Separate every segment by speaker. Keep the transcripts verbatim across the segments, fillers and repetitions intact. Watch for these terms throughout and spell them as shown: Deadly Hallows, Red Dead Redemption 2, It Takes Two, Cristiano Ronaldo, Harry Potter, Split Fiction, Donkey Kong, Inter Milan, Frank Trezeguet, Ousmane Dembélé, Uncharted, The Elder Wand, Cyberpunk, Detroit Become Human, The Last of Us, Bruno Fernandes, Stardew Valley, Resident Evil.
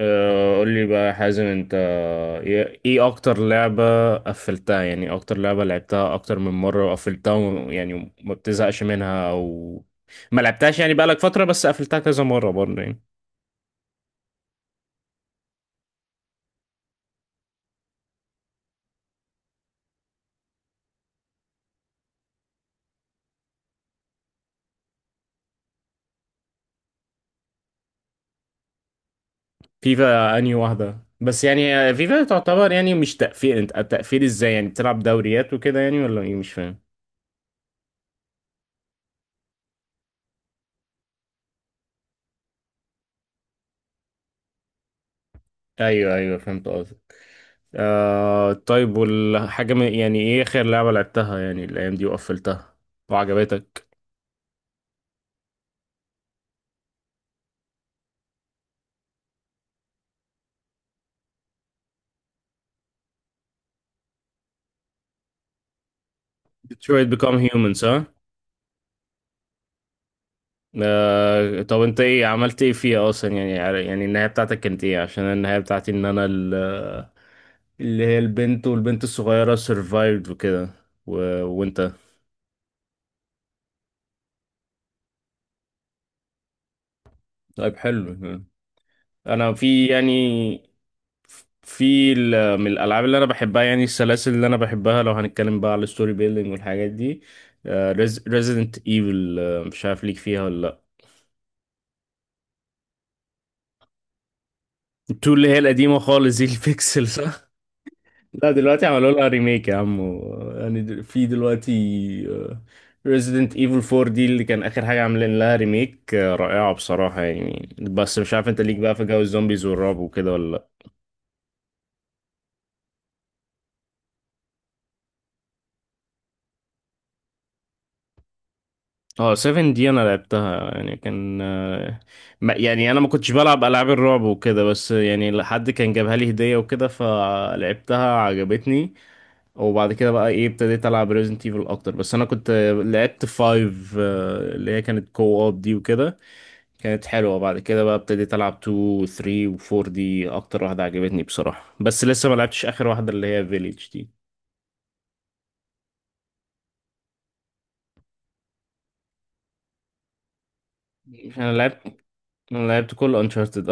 Speaker 1: آه، قول لي بقى يا حازم انت ايه إيه اكتر لعبة قفلتها، يعني اكتر لعبة لعبتها اكتر من مرة وقفلتها وم- يعني ما بتزهقش منها او ما لعبتهاش يعني بقالك فترة بس قفلتها كذا مرة برضه يعني. فيفا انهي واحدة؟ بس يعني فيفا تعتبر يعني مش تقفيل، انت التقفيل ازاي يعني؟ بتلعب دوريات وكده يعني ولا ايه؟ مش فاهم. ايوه ايوه، فهمت قصدك. آه طيب، والحاجة من- يعني ايه اخر لعبة لعبتها يعني الايام دي وقفلتها وعجبتك؟ Detroit Become Humans، ها. آه، طب انت ايه عملت ايه فيها اصلا يعني؟ يعني النهاية بتاعتك كانت ايه؟ عشان النهاية بتاعتي ان انا ال- اللي هي البنت والبنت الصغيرة survived وكده و... وانت؟ طيب حلو. انا في يعني، في ال- من الالعاب اللي انا بحبها، يعني السلاسل اللي انا بحبها لو هنتكلم بقى على الستوري بيلدينج والحاجات دي: ريزيدنت ايفل. مش عارف ليك فيها ولا لا؟ التو اللي هي القديمة خالص دي البيكسل، صح؟ لا دلوقتي عملوا لها ريميك يا عم و- يعني دل- في دلوقتي ريزيدنت ايفل أربعة دي اللي كان اخر حاجه عاملين لها ريميك، آه، رائعه بصراحه يعني. بس مش عارف انت ليك بقى في جو الزومبيز والرعب وكده ولا لا؟ اه سبعة دي انا لعبتها، يعني كان آه، ما- يعني انا ما كنتش بلعب العاب الرعب وكده، بس يعني حد كان جابها لي هديه وكده فلعبتها عجبتني. وبعد كده بقى ايه ابتديت العب ريزيدنت ايفل اكتر، بس انا كنت آه، لعبت خمسة، آه، اللي هي كانت كو اوب دي وكده، كانت حلوة. بعد كده بقى ابتديت ألعب اتنين و تلاتة و أربعة دي أكتر واحدة عجبتني بصراحة، بس لسه ما لعبتش آخر واحدة اللي هي فيليج دي. أنا لعبت أنا لعبت كل أنشارتد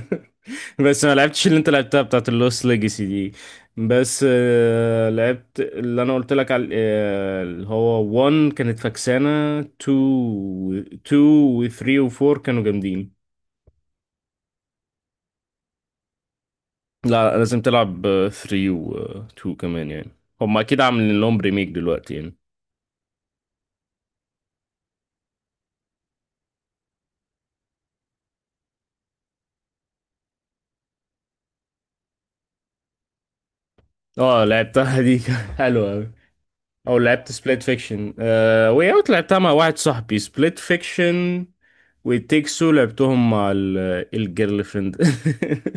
Speaker 1: بس ما لعبتش اللي أنت لعبتها بتاعت اللوست ليجاسي دي. بس آه، لعبت اللي أنا قلت لك على آه، اللي هو واحد كانت فكسانة، اتنين و اتنين و تلاتة و أربعة كانوا جامدين. لا لازم تلعب آه، تلاتة و آه، اتنين كمان يعني، هم أكيد عاملين لهم ريميك دلوقتي يعني. اه لعبتها دي حلوة أوي. او لعبت سبليت فيكشن، آه، واي اوت لعبتها مع واحد صاحبي، سبليت فيكشن وتيكسو لعبتهم مع ال- الجيرل فريند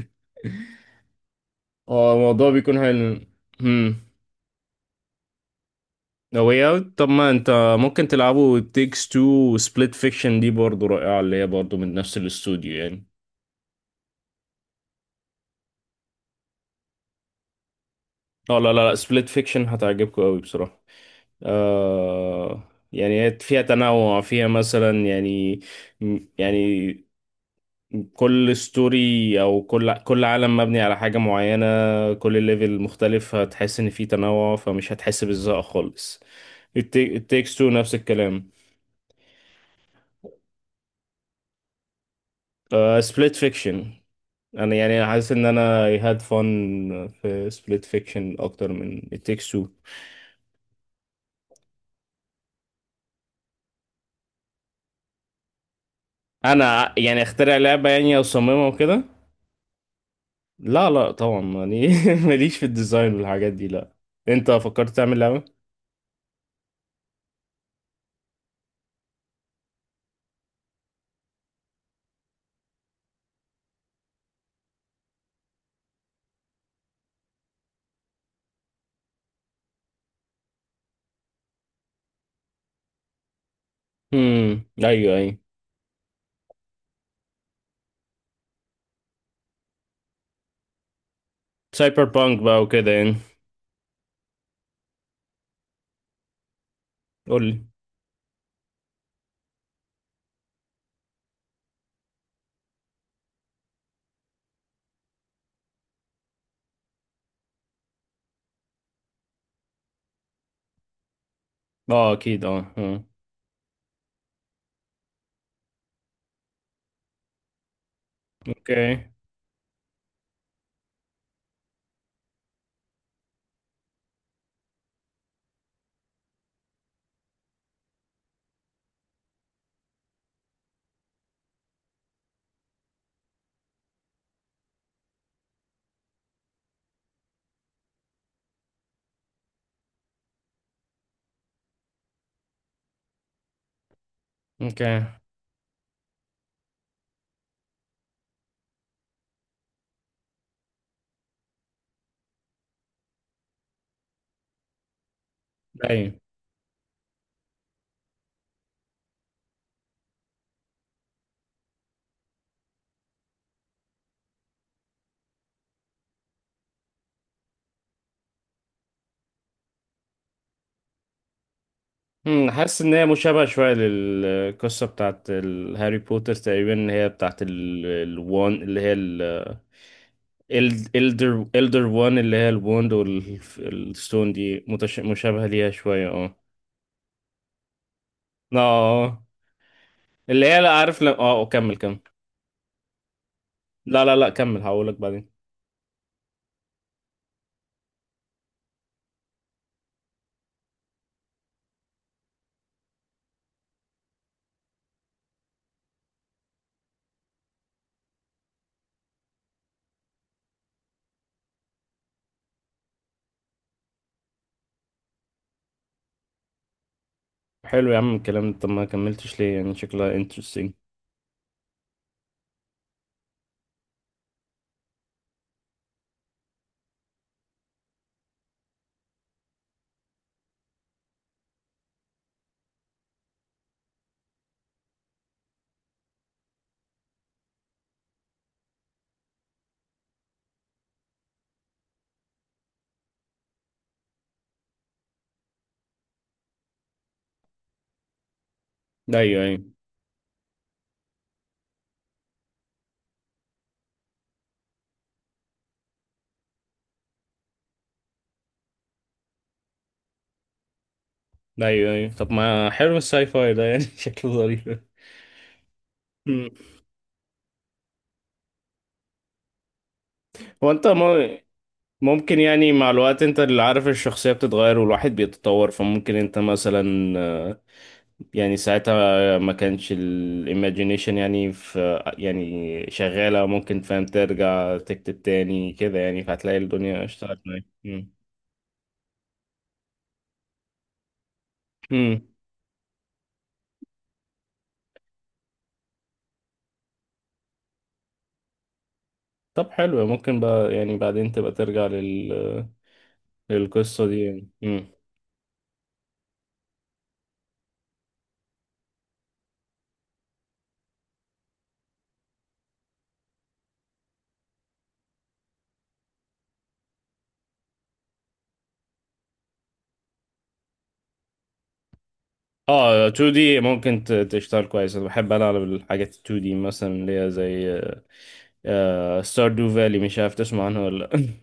Speaker 1: اه الموضوع بيكون حلو. امم، واي اوت طب ما انت ممكن تلعبوا تيكس تو وسبليت فيكشن دي برضه رائعة اللي هي برضه من نفس الاستوديو يعني. اه لا لا لا، سبليت فيكشن هتعجبكم قوي بصراحة. آه يعني هي فيها تنوع، فيها مثلا يعني، يعني كل ستوري او كل كل عالم مبني على حاجة معينة، كل ليفل مختلف، هتحس ان في تنوع فمش هتحس بالزهق خالص. التيك تيكس تو نفس الكلام. سبليت فيكشن، انا يعني حاسس ان انا I had fun في سبليت فيكشن اكتر من It Takes Two. انا يعني اخترع لعبة يعني اصممها وكده؟ لا لا طبعا يعني ماليش في الديزاين والحاجات دي، لا. انت فكرت تعمل لعبة؟ امم ايوه ايوه. سايبر بانك بقى وكده يعني؟ قول لي. اه اكيد اه آه. اوكي. اوكي. ايوه. أمم، حاسس ان هي مشابهه شويه للقصه بتاعت ال- هاري بوتر تقريبا، اللي هي بتاعت ال- الوان اللي هي الالدر، الدر وان اللي هي الوند والستون دي، متش... مشابهه ليها شويه اه. لا آه. اللي هي لا، عارف، لا اه كمل كمل. لا لا لا كمل، هقولك بعدين. حلو يا عم الكلام ده. طب ما كملتش ليه؟ يعني شكلها انترستنج. ايوه ايوه. ايوه ايوه، طب ما حلو الساي فاي ده يعني شكله ظريف. هو انت م- ممكن يعني مع الوقت انت اللي عارف، الشخصية بتتغير والواحد بيتطور، فممكن انت مثلا آه، يعني ساعتها ما كانش الايماجينيشن يعني في يعني شغالة، ممكن فاهم ترجع تكتب تاني كده يعني، فهتلاقي الدنيا اشتغلت معاك. مم. مم. طب حلو، ممكن بقى يعني بعدين تبقى ترجع لل... للقصة دي يعني. مم. اه تو دي ممكن ت- تشتغل كويس، انا بحب العب الحاجات تو دي مثلا اللي هي زي آه ستاردو فالي، مش عارف تسمع عنها ولا لأ.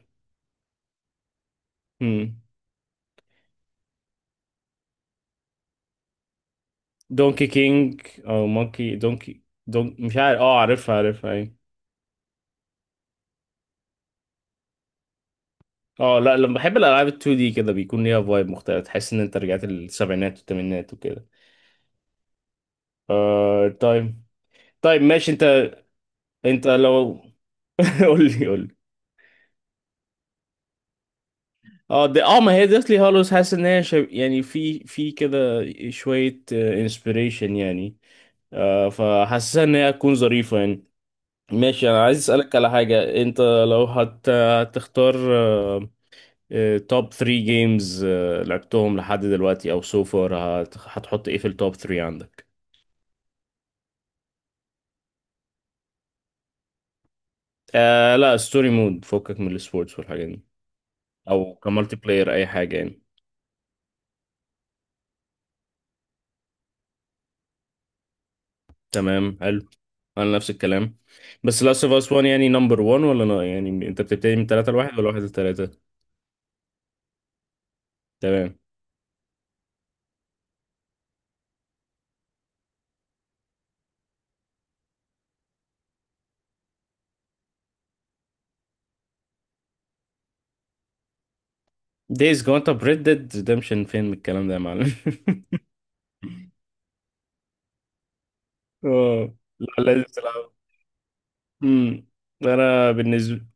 Speaker 1: مم. دونكي كينج او مونكي دونكي دون، مش عارف اه، عارفها عارفها اي. اه لا، لما بحب الالعاب ال اتنين دي كده بيكون ليها فايب مختلف، تحس ان انت رجعت للسبعينات والثمانينات وكده. آه طيب. طيب ماشي انت، انت لو قول لي قول لي. اه دي اه، ما هي ديثلي هالوز حاسس ان هي شب... يعني في في كده شويه انسبيريشن يعني، آه، فحاسسها ان هي تكون ظريفه يعني. ماشي، انا عايز اسالك على حاجه: انت لو هت... هتختار توب تلاتة جيمز لعبتهم لحد دلوقتي او سوفر، هت... هتحط ايه في التوب تلاتة عندك؟ آه لا ستوري مود، فكك من السبورتس والحاجات دي. او كمالتي بلاير اي حاجه يعني. تمام حلو، انا نفس الكلام. بس لاست اوف اس واحد يعني نمبر واحد ولا لا؟ يعني انت بتبتدي من تلاتة ل واحد ولا واحد ل تلاتة؟ تمام. دايز جون طب ريد ديد ريدمشن فين من الكلام ده يا معلم؟ اه لا لازم تلعب. امم. انا بالنسبه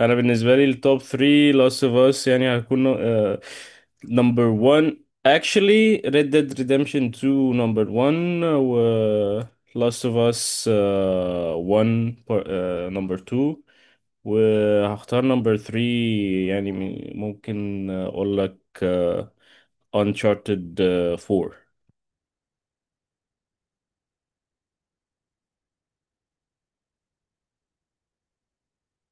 Speaker 1: انا بالنسبه لي التوب تلاتة، لاست اوف اس يعني هيكون نمبر واحد، actually Red Dead Redemption تو نمبر واحد و Last of Us آه، واحد نمبر اتنين، وهختار نمبر تلاتة يعني م- ممكن اقول لك آه، Uncharted آه، أربعة.